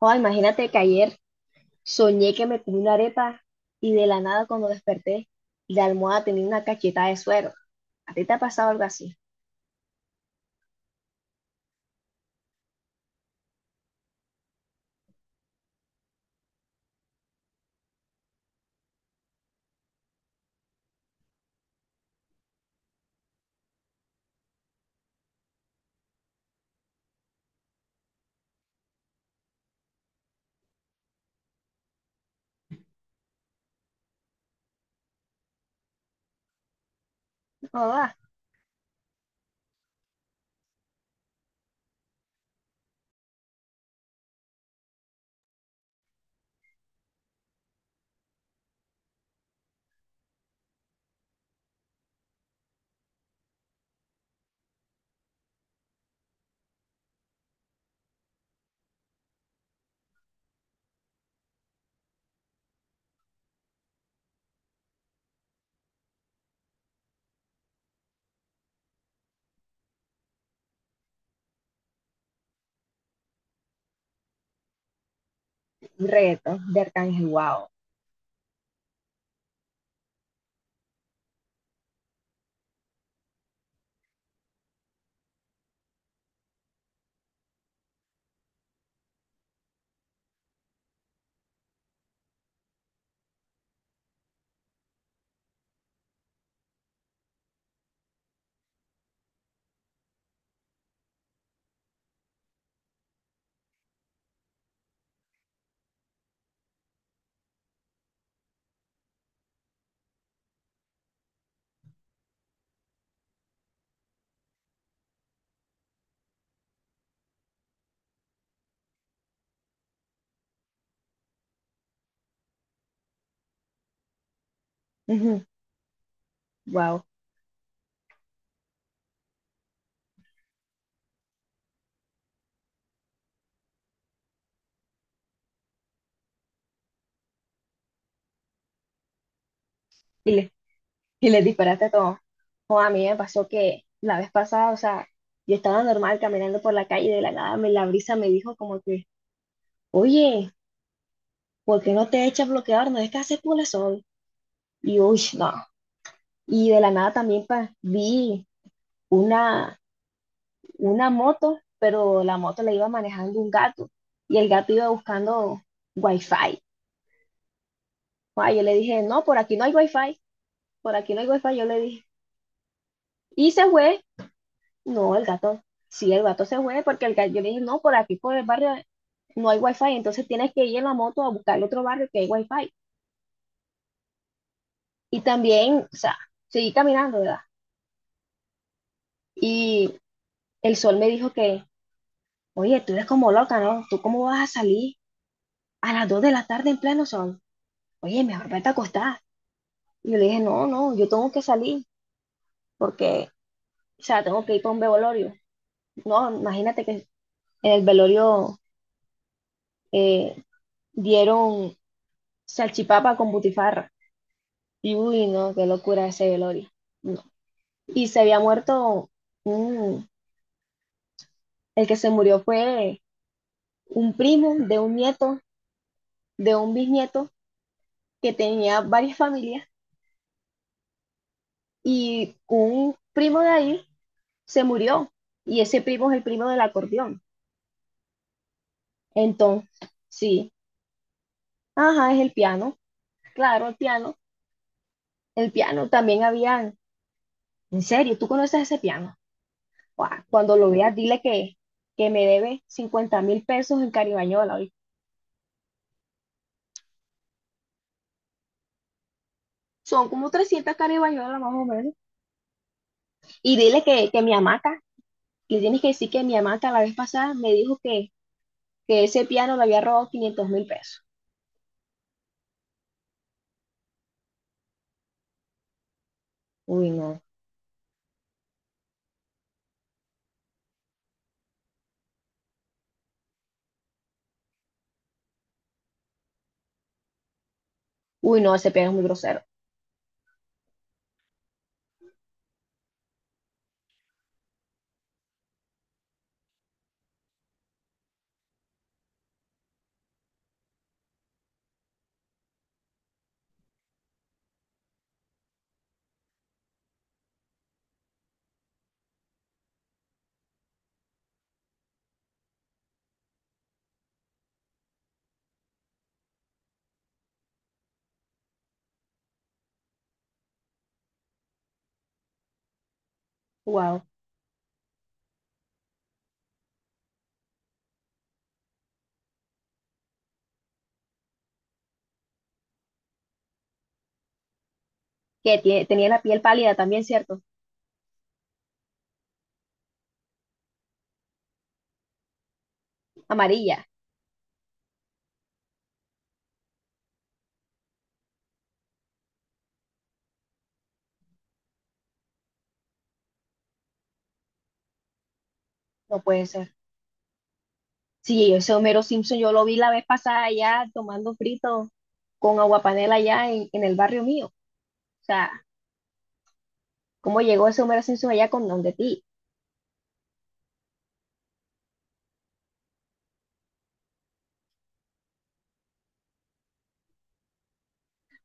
Oh, imagínate que ayer soñé que me comí una arepa y de la nada cuando desperté, la almohada tenía una cacheta de suero. ¿A ti te ha pasado algo así? No, va. Un reggaetón de Arcángel, wow. Wow. Y le, y le disparaste todo. Oh, a mí me pasó que la vez pasada, o sea, yo estaba normal caminando por la calle y de la nada me, la brisa me dijo como que, oye, ¿por qué no te echas bloqueador? No es que hace puro sol. Y uy, no. Y de la nada también vi una una moto, pero la moto la iba manejando un gato y el gato iba buscando wifi. Ah, yo le dije, no, por aquí no hay wifi, por aquí no hay wifi, yo le dije. Y se fue, no, el gato, sí, el gato se fue porque el gato, yo le dije, no, por aquí, por el barrio no hay wifi, entonces tienes que ir en la moto a buscar el otro barrio que hay wifi. Y también, o sea, seguí caminando, ¿verdad? Y el sol me dijo que, oye, tú eres como loca, ¿no? ¿Tú cómo vas a salir a las 2 de la tarde en pleno sol? Oye, mejor vete a acostar. Y yo le dije, no, no, yo tengo que salir porque, o sea, tengo que ir para un velorio. No, imagínate que en el velorio eh, dieron salchipapa con butifarra. Y uy, no, qué locura ese velorio. No. Y se había muerto, mm, el que se murió fue un primo de un nieto, de un bisnieto que tenía varias familias y un primo de ahí se murió. Y ese primo es el primo del acordeón. Entonces, sí, ajá, es el piano. Claro, el piano. El piano también había, en serio, ¿tú conoces ese piano? Guau, cuando lo veas, dile que me debe $50.000 en Caribañola. ¿Oí? Son como 300 Caribañolas más o menos. Y dile que mi hamaca, le tienes que decir que mi hamaca la vez pasada me dijo que ese piano le había robado $500.000. Uy, no. Uy, no, ese piano es muy grosero. Wow. Que tenía la piel pálida también, ¿cierto? Amarilla. No puede ser. Sí, ese Homero Simpson yo lo vi la vez pasada allá tomando frito con aguapanela allá en el barrio mío. O sea, ¿cómo llegó ese Homero Simpson allá con Donde ti?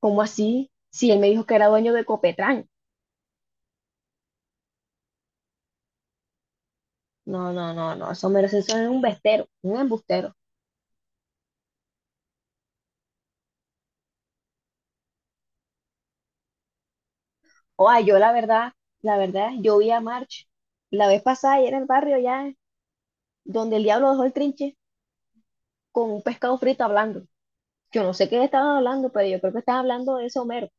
¿Cómo así? Si él me dijo que era dueño de Copetrán. No, no, no, no, ese Homero Simpson es un bestero, un embustero. O sea, yo la verdad, yo vi a March la vez pasada allá en el barrio allá donde el diablo dejó el trinche con un pescado frito hablando. Yo no sé qué estaban hablando, pero yo creo que estaban hablando de ese Homero.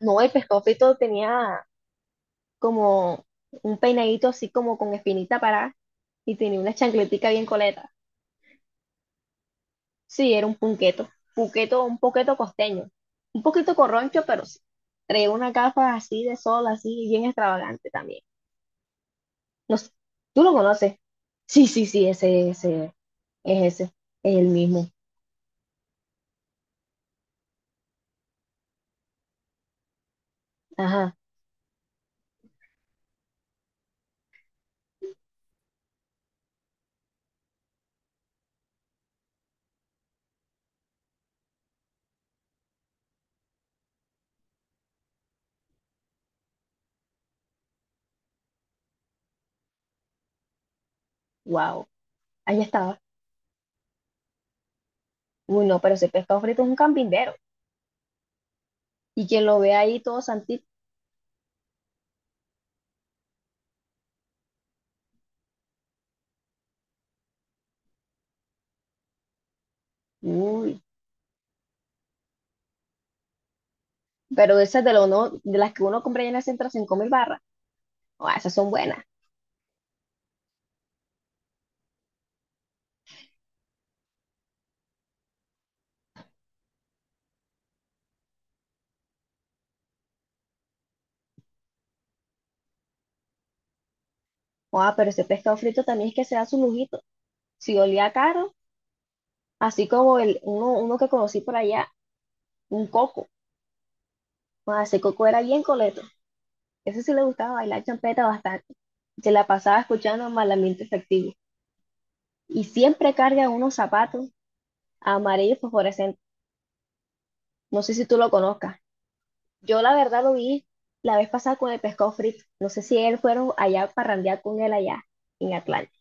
No, el pescado frito tenía como un peinadito así como con espinita parada y tenía una chancletica bien coleta. Sí, era un punqueto, punqueto, un poquito costeño, un poquito corroncho, pero sí. Traía una capa así de sol, así bien extravagante también. No sé, ¿tú lo conoces? Sí, sí, sí, ese, ese, es el mismo. Ajá, wow, ahí estaba. Uy, no, pero ese pescado frito es un campindero. Y quien lo ve ahí todo santito, uy, pero de esas de, lo, no, de las que uno compra ya en el centro a 5 mil barras. Oh, esas son buenas. Ah, pero ese pescado frito también es que se da su lujito. Si olía caro, así como el, uno, uno que conocí por allá, un coco. Ah, ese coco era bien coleto. Ese sí le gustaba bailar champeta bastante. Se la pasaba escuchando malamente efectivo. Y siempre carga unos zapatos amarillos fosforescentes. No sé si tú lo conozcas. Yo la verdad lo vi la vez pasada con el pescado frito. No sé si él fueron allá a parrandear con él allá en Atlanta.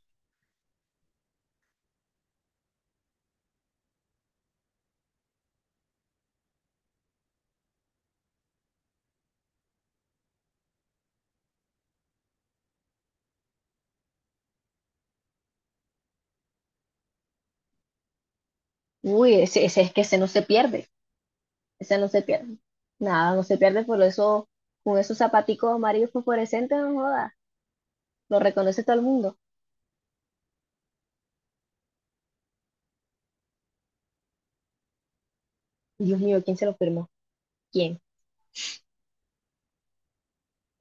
Uy, ese es que ese no se pierde. Esa no se pierde. Nada, no se pierde, por eso, con esos zapaticos amarillos fosforescentes, no joda. Lo reconoce todo el mundo. Dios mío, ¿quién se lo firmó? ¿Quién?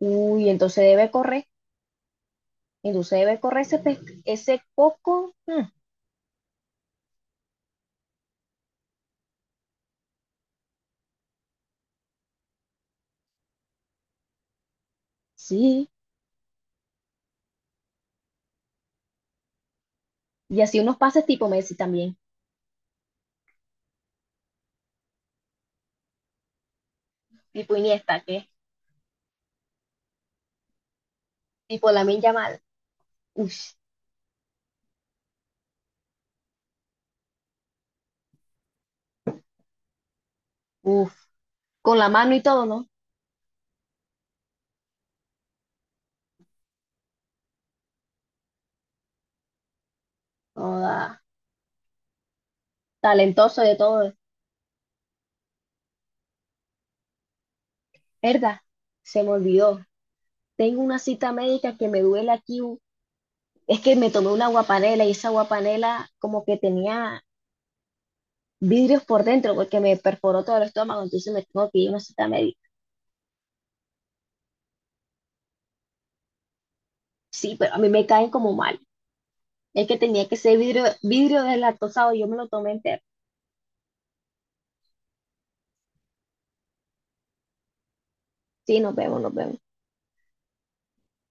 Uy, entonces debe correr. Entonces debe correr ese, ese coco. Mm, sí. Y así unos pases tipo Messi también. Tipo Iniesta, ¿qué? Tipo Lamine Yamal. Uf, uf. Con la mano y todo, ¿no? Joda. Talentoso de todo. Herda, se me olvidó. Tengo una cita médica que me duele aquí. Es que me tomé una guapanela y esa guapanela como que tenía vidrios por dentro porque me perforó todo el estómago, entonces me tengo que ir a una cita médica. Sí, pero a mí me caen como mal. Es que tenía que ser vidrio, vidrio deslactosado, yo me lo tomé entero. Sí, nos vemos, nos vemos.